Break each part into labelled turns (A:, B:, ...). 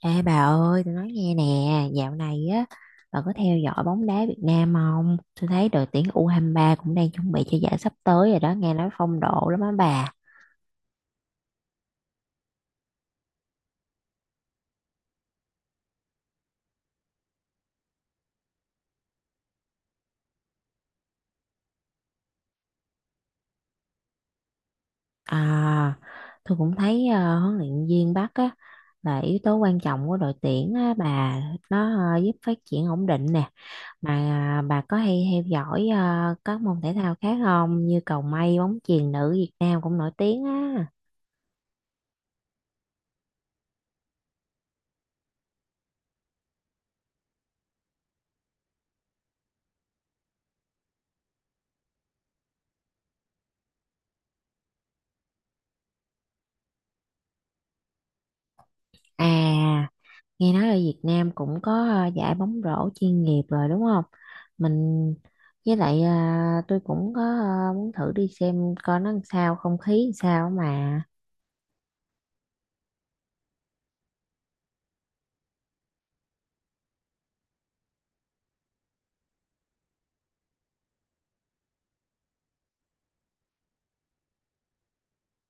A: Ê bà ơi, tôi nói nghe nè, dạo này á, bà có theo dõi bóng đá Việt Nam không? Tôi thấy đội tuyển U23 cũng đang chuẩn bị cho giải sắp tới rồi đó, nghe nói phong độ lắm á bà. À, tôi cũng thấy huấn luyện viên Bắc á, là yếu tố quan trọng của đội tuyển á, bà, nó giúp phát triển ổn định nè. Mà bà có hay theo dõi các môn thể thao khác không? Như cầu mây, bóng chuyền nữ Việt Nam cũng nổi tiếng á. À. Nghe nói ở Việt Nam cũng có giải bóng rổ chuyên nghiệp rồi đúng không? Mình, với lại tôi cũng có muốn thử đi xem coi nó làm sao, không khí làm sao mà.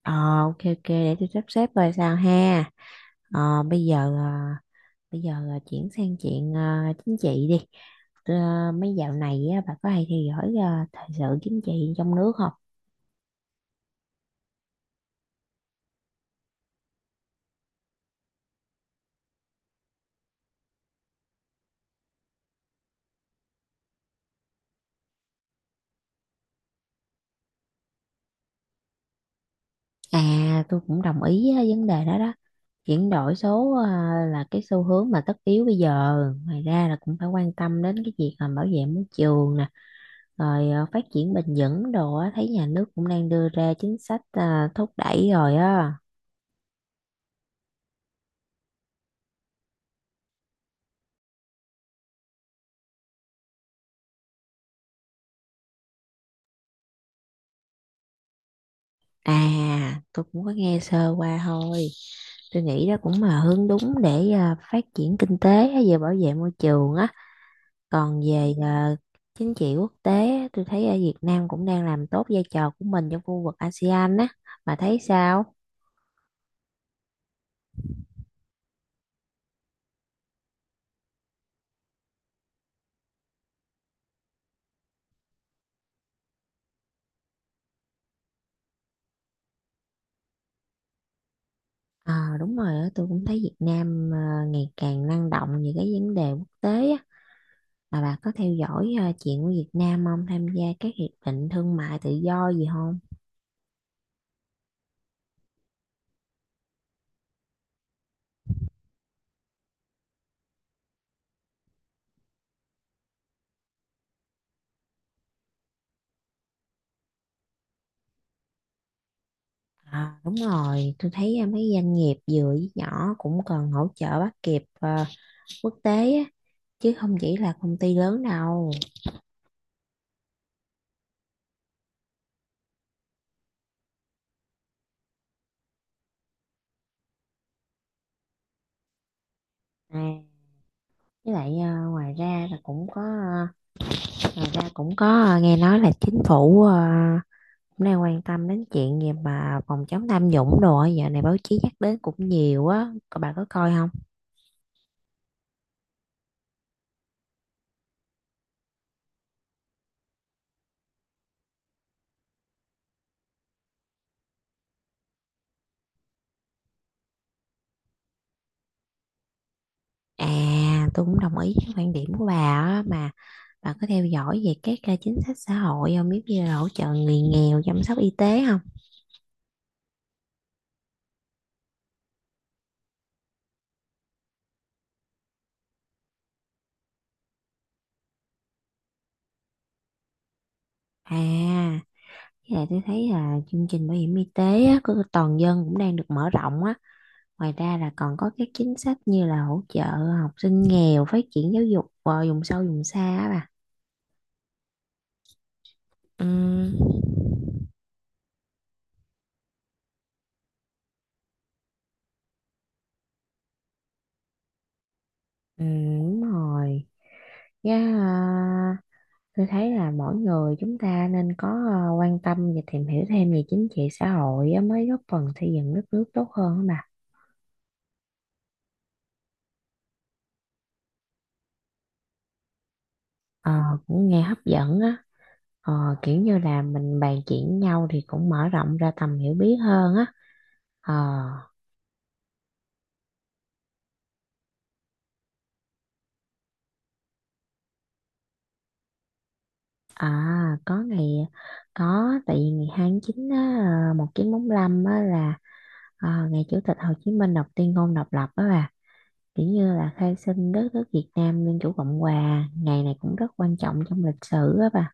A: Ờ, ok, ok, để tôi sắp xếp coi sao ha. Ờ bây giờ ờ, Bây giờ là chuyển sang chuyện chính trị đi. Mấy dạo này á, bà có hay theo dõi thời sự chính trị trong nước không? À, tôi cũng đồng ý với vấn đề đó đó. Chuyển đổi số à, là cái xu hướng mà tất yếu bây giờ. Ngoài ra là cũng phải quan tâm đến cái việc mà bảo vệ môi trường nè, rồi phát triển bền vững đồ á, thấy nhà nước cũng đang đưa ra chính sách thúc đẩy rồi á. À, tôi cũng có nghe sơ qua thôi. Tôi nghĩ đó cũng là hướng đúng để phát triển kinh tế á, về bảo vệ môi trường á. Còn về chính trị quốc tế á, tôi thấy ở Việt Nam cũng đang làm tốt vai trò của mình trong khu vực ASEAN á. Bà thấy sao? Ờ, đúng rồi á, tôi cũng thấy Việt Nam ngày càng năng động về cái vấn đề quốc tế á. Mà bà có theo dõi chuyện của Việt Nam không? Tham gia các hiệp định thương mại tự do gì không? À, đúng rồi, tôi thấy mấy doanh nghiệp vừa với nhỏ cũng cần hỗ trợ bắt kịp quốc tế á, chứ không chỉ là công ty lớn đâu. À, với lại ngoài ra cũng có, nghe nói là chính phủ cũng đang quan tâm đến chuyện gì mà phòng chống tham nhũng đồ á. Dạo này báo chí nhắc đến cũng nhiều á. Cô bà có coi không? À, tôi cũng đồng ý với quan điểm của bà á. Mà bà có theo dõi về các chính sách xã hội không? Biết như là hỗ trợ người nghèo, chăm sóc y tế không? À, với lại tôi thấy là chương trình bảo hiểm y tế á, của toàn dân cũng đang được mở rộng á. Ngoài ra là còn có các chính sách như là hỗ trợ học sinh nghèo, phát triển giáo dục vùng sâu vùng xa á bà. Ừ, ừ, đúng rồi. Dạ, tôi thấy là mỗi người chúng ta nên có quan tâm và tìm hiểu thêm về chính trị xã hội á, mới góp phần xây dựng đất nước tốt hơn á mà. Ờ, cũng nghe hấp dẫn á. Ờ, kiểu như là mình bàn chuyện nhau thì cũng mở rộng ra tầm hiểu biết hơn á. Ờ, à, có ngày có, tại vì ngày 29 á, 1945 á, là ngày Chủ tịch Hồ Chí Minh đọc tuyên ngôn độc lập á bà. Kiểu như là khai sinh đất nước Việt Nam Dân chủ Cộng hòa, ngày này cũng rất quan trọng trong lịch sử á bà.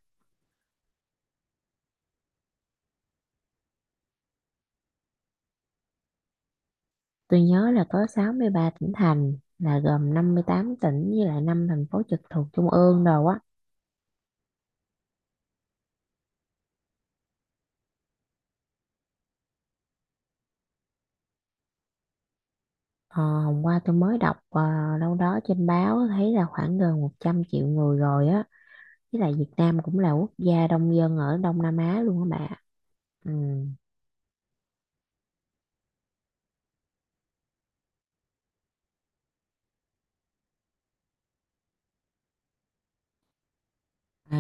A: Tôi nhớ là có 63 tỉnh thành, là gồm 58 tỉnh với lại 5 thành phố trực thuộc trung ương rồi á. Ờ, hôm qua tôi mới đọc đâu đó trên báo, thấy là khoảng gần 100 triệu người rồi á. Với lại Việt Nam cũng là quốc gia đông dân ở Đông Nam Á luôn á bà. Ừ. À,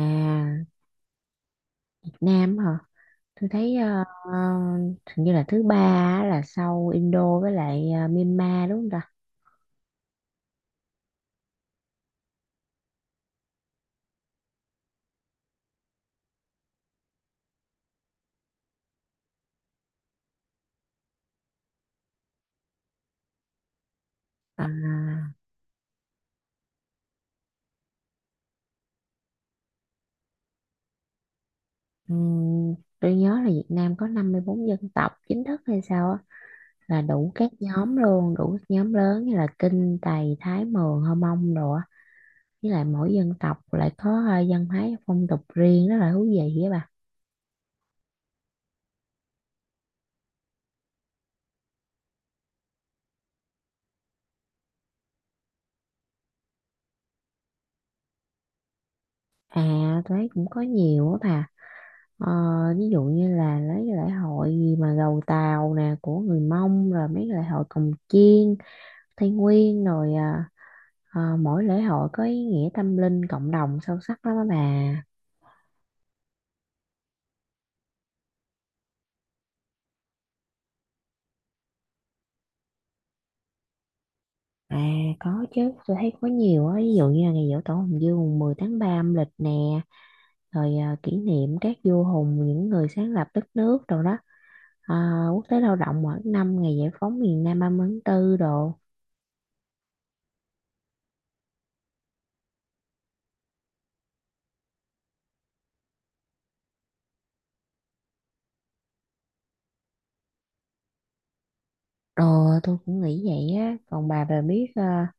A: Việt Nam hả? Tôi thấy hình như là thứ ba á, là sau Indo với lại Myanmar, đúng không ta? À, ừm, tôi nhớ là Việt Nam có 54 dân tộc chính thức hay sao á, là đủ các nhóm luôn, đủ các nhóm lớn như là Kinh, Tày, Thái, Mường, Hơ Mông đồ á, với lại mỗi dân tộc lại có văn hóa phong tục riêng rất là thú vị á bà. À, tôi thấy cũng có nhiều á bà. Ờ, Ví dụ như là lấy cái lễ hội gì mà gầu Tàu nè của người Mông, rồi mấy cái lễ hội cồng chiêng Tây Nguyên, rồi mỗi lễ hội có ý nghĩa tâm linh cộng đồng sâu sắc lắm á bà. À, có chứ, tôi thấy có nhiều á. Ví dụ như là ngày giỗ tổ Hùng Vương mùng 10 tháng 3 âm lịch nè, rồi kỷ niệm các vua hùng, những người sáng lập đất nước rồi đó, quốc tế lao động mỗi năm, ngày giải phóng miền Nam 30 tháng 4 đồ. Ờ, tôi cũng nghĩ vậy á. Còn bà biết à,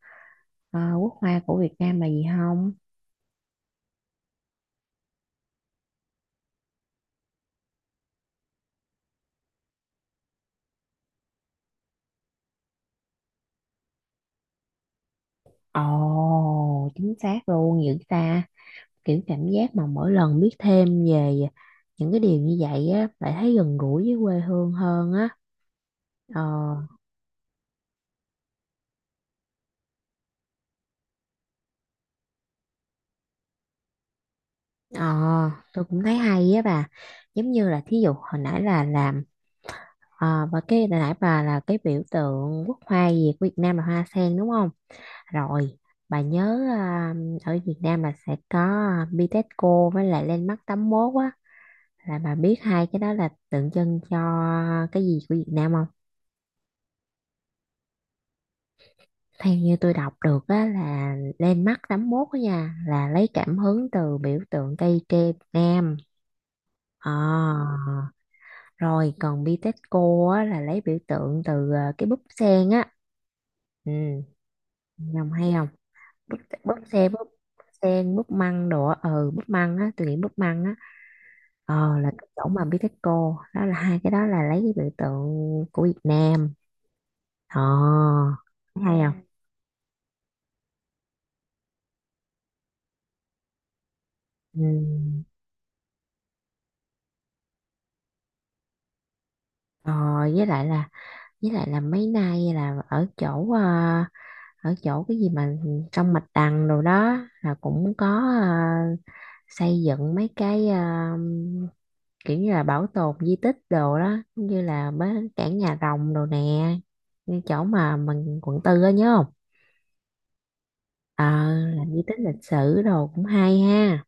A: à, quốc hoa của Việt Nam là gì không? Ồ, chính xác luôn dữ ta. Kiểu cảm giác mà mỗi lần biết thêm về những cái điều như vậy á, lại thấy gần gũi với quê hương hơn á. ờ ờ tôi cũng thấy hay á bà. Giống như là thí dụ hồi nãy là làm và cái hồi nãy bà là cái biểu tượng quốc hoa gì của Việt Nam là hoa sen đúng không. Rồi bà nhớ ở Việt Nam là sẽ có Bitexco với lại Landmark 81 á, là bà biết hai cái đó là tượng trưng cho cái gì của Việt Nam không? Theo như tôi đọc được á, là lên mắt 81 á nha, là lấy cảm hứng từ biểu tượng cây tre Việt Nam. Ờ, Rồi còn Bitexco á, là lấy biểu tượng từ cái búp sen á. Ừ, nhầm hay không? búp, búp sen búp măng đồ á. Ừ, búp măng á, tôi nghĩ búp măng á. Là cái chỗ mà Bitexco đó, là hai cái đó là lấy cái biểu tượng của Việt Nam. ờ Thấy hay không? Ừ. ờ với lại là với lại là mấy nay là ở chỗ, cái gì mà trong mạch đằng đồ đó là cũng có, à, xây dựng mấy cái, kiểu như là bảo tồn di tích đồ đó, giống như là bến cảng nhà rồng đồ nè, như chỗ mà mình quận tư á, nhớ không? ờ là di tích lịch sử đồ cũng hay ha.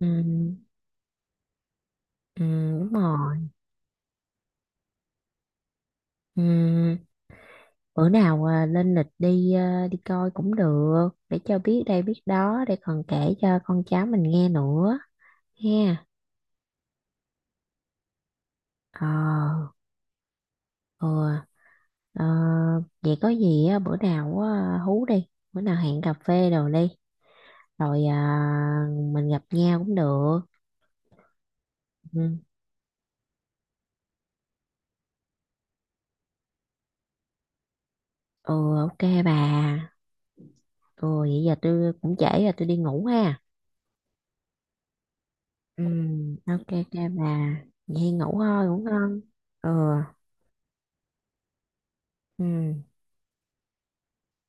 A: Ừ, ừ, đúng rồi. Ừ. Bữa nào lên lịch đi, đi coi cũng được để cho biết đây biết đó, để còn kể cho con cháu mình nghe nữa ha. ờ ừ. Ờ, vậy có gì á, bữa nào á, hú đi. Bữa nào hẹn cà phê đồ đi, rồi mình gặp nhau cũng được. Ừ, ừ, ok bà. Ừ, vậy giờ tôi cũng trễ rồi, tôi đi ngủ ha. Ừ, ok, ok bà. Vậy ngủ thôi, ngủ ngon. Ừ, ừ.